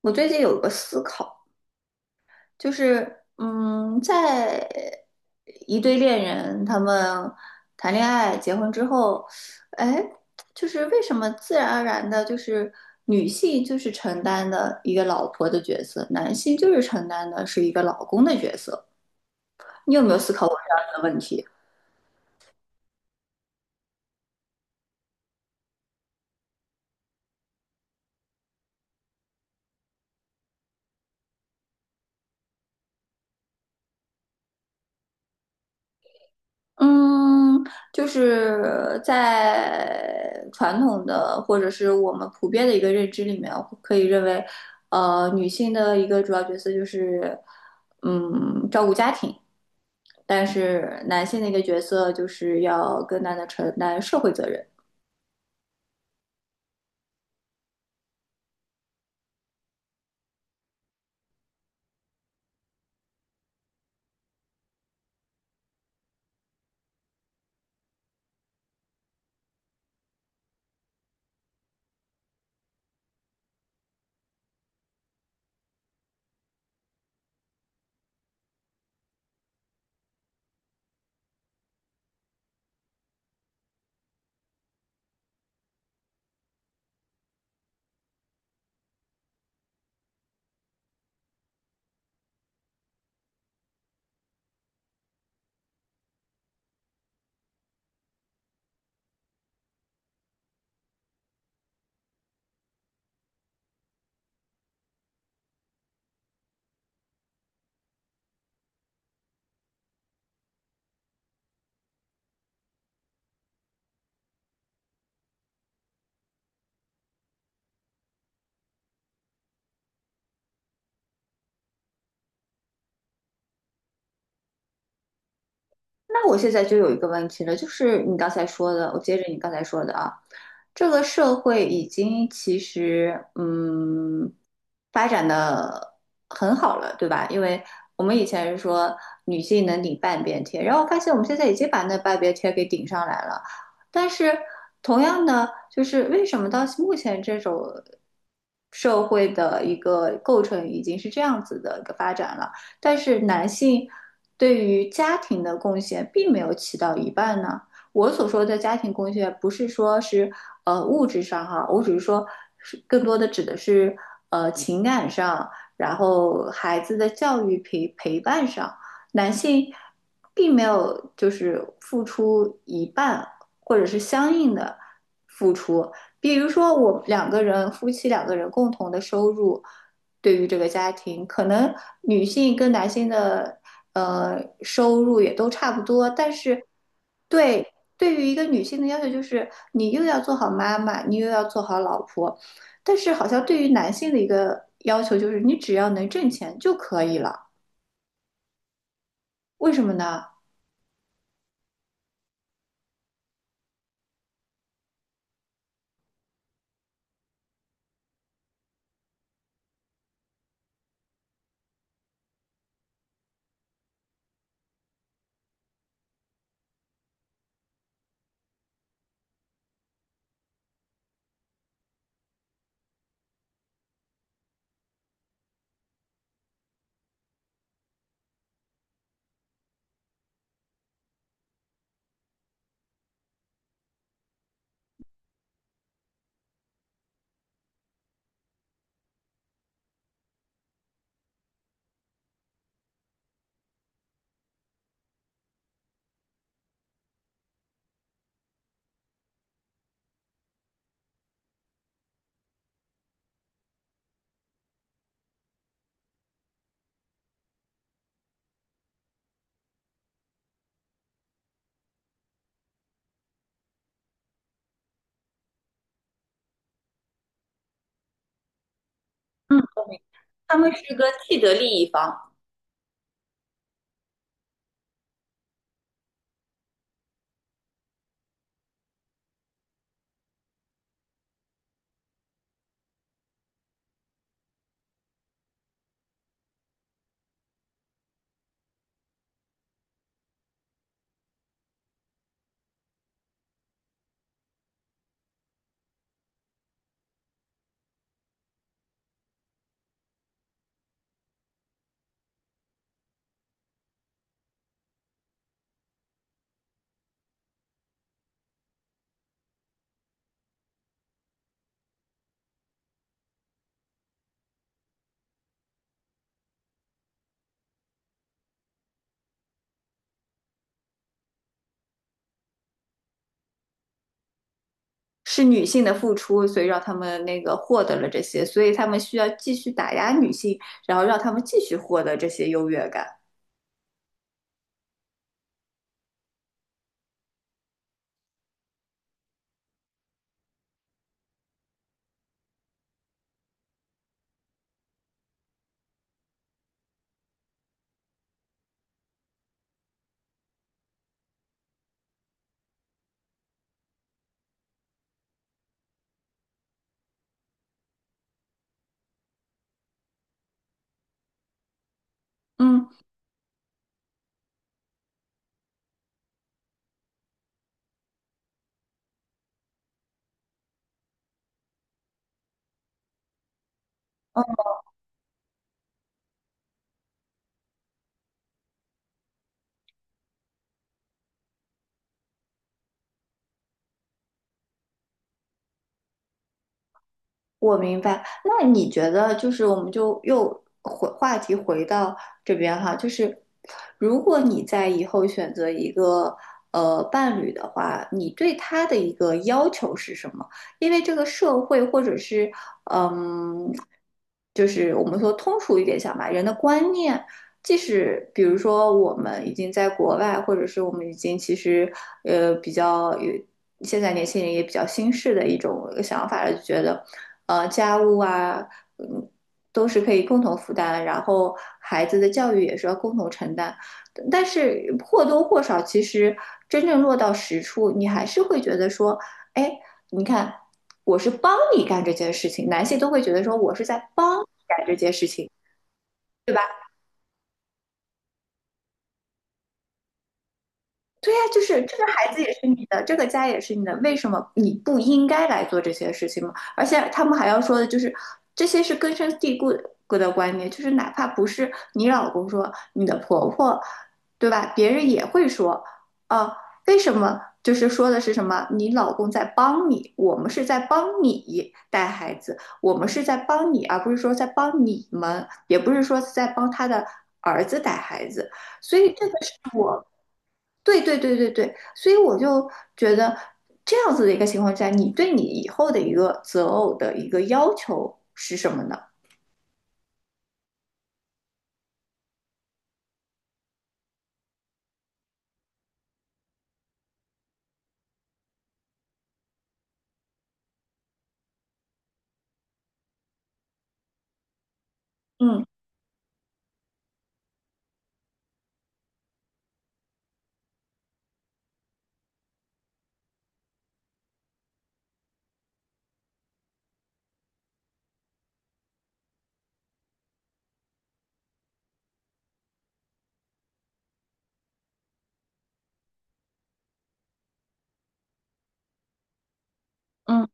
我最近有个思考，就是，在一对恋人他们谈恋爱、结婚之后，哎，就是为什么自然而然的，就是女性就是承担的一个老婆的角色，男性就是承担的是一个老公的角色？你有没有思考过这样的问题？嗯，就是在传统的或者是我们普遍的一个认知里面，可以认为，女性的一个主要角色就是，照顾家庭，但是男性的一个角色就是要更大的承担社会责任。那我现在就有一个问题了，就是你刚才说的，我接着你刚才说的啊，这个社会已经其实发展的很好了，对吧？因为我们以前是说女性能顶半边天，然后发现我们现在已经把那半边天给顶上来了，但是同样的，就是为什么到目前这种社会的一个构成已经是这样子的一个发展了？但是男性对于家庭的贡献并没有起到一半呢。我所说的家庭贡献，不是说是物质上哈，我只是说更多的指的是情感上，然后孩子的教育陪伴上，男性并没有就是付出一半，或者是相应的付出，比如说我两个人夫妻两个人共同的收入，对于这个家庭，可能女性跟男性的收入也都差不多，但是对对于一个女性的要求就是你又要做好妈妈，你又要做好老婆，但是好像对于男性的一个要求就是你只要能挣钱就可以了，为什么呢？嗯，他们是个既得利益方，是女性的付出，所以让他们那个获得了这些，所以他们需要继续打压女性，然后让他们继续获得这些优越感。嗯，我明白，那你觉得就是我们就又回话题回到这边哈，就是如果你在以后选择一个伴侣的话，你对他的一个要求是什么？因为这个社会或者是嗯，就是我们说通俗一点讲吧，人的观念，即使比如说我们已经在国外，或者是我们已经其实比较有现在年轻人也比较新式的一种想法了，就觉得。呃家务啊，嗯，都是可以共同负担，然后孩子的教育也是要共同承担。但是或多或少，其实真正落到实处，你还是会觉得说，哎，你看，我是帮你干这件事情，男性都会觉得说我是在帮你干这件事情。对吧？对呀，就是这个孩子也是你的，这个家也是你的，为什么你不应该来做这些事情吗？而且他们还要说的就是，这些是根深蒂固的观念，就是哪怕不是你老公说，你的婆婆，对吧？别人也会说，啊，为什么？就是说的是什么？你老公在帮你，我们是在帮你带孩子，我们是在帮你，而不是说在帮你们，也不是说是在帮他的儿子带孩子，所以这个对，所以我就觉得这样子的一个情况下，你对你以后的一个择偶的一个要求是什么呢？嗯嗯。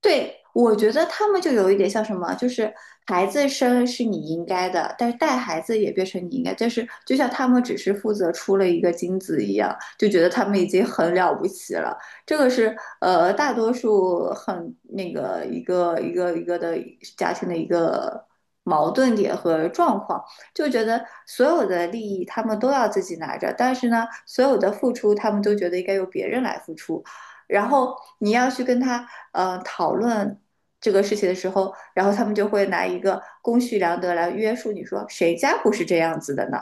对，我觉得他们就有一点像什么，就是孩子生是你应该的，但是带孩子也变成你应该。但是就像他们只是负责出了一个精子一样，就觉得他们已经很了不起了。这个是大多数很那个一个的家庭的一个矛盾点和状况，就觉得所有的利益他们都要自己拿着，但是呢，所有的付出他们都觉得应该由别人来付出。然后你要去跟他讨论这个事情的时候，然后他们就会拿一个公序良德来约束你说谁家不是这样子的呢？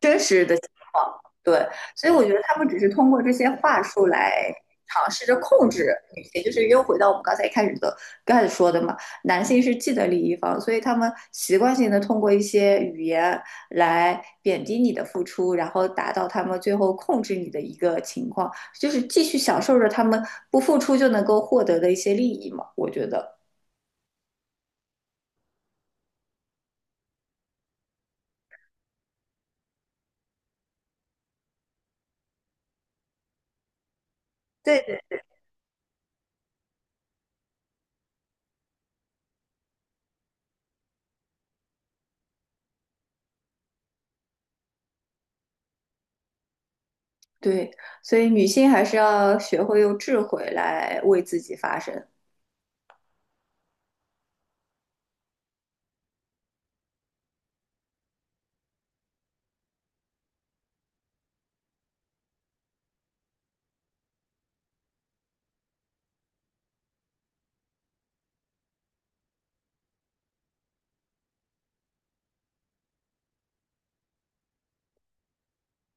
真实的情况。对，所以我觉得他们只是通过这些话术来尝试着控制女性，就是又回到我们刚才一开始的开始说的嘛，男性是既得利益方，所以他们习惯性的通过一些语言来贬低你的付出，然后达到他们最后控制你的一个情况，就是继续享受着他们不付出就能够获得的一些利益嘛，我觉得。对对，对，所以女性还是要学会用智慧来为自己发声。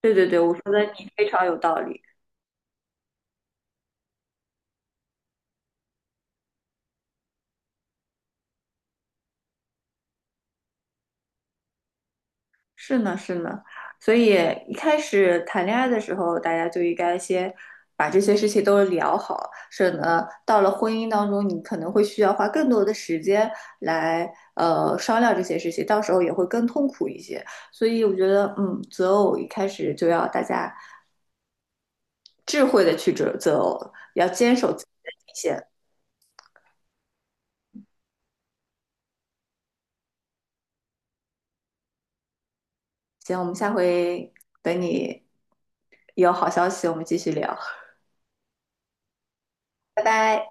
对对对，我说的你非常有道理。是呢，是呢，所以一开始谈恋爱的时候，大家就应该先把这些事情都聊好，省得到了婚姻当中，你可能会需要花更多的时间来商量这些事情，到时候也会更痛苦一些。所以我觉得，嗯，择偶一开始就要大家智慧的去择偶，要坚守自己的底线。行，我们下回等你有好消息，我们继续聊。嗨。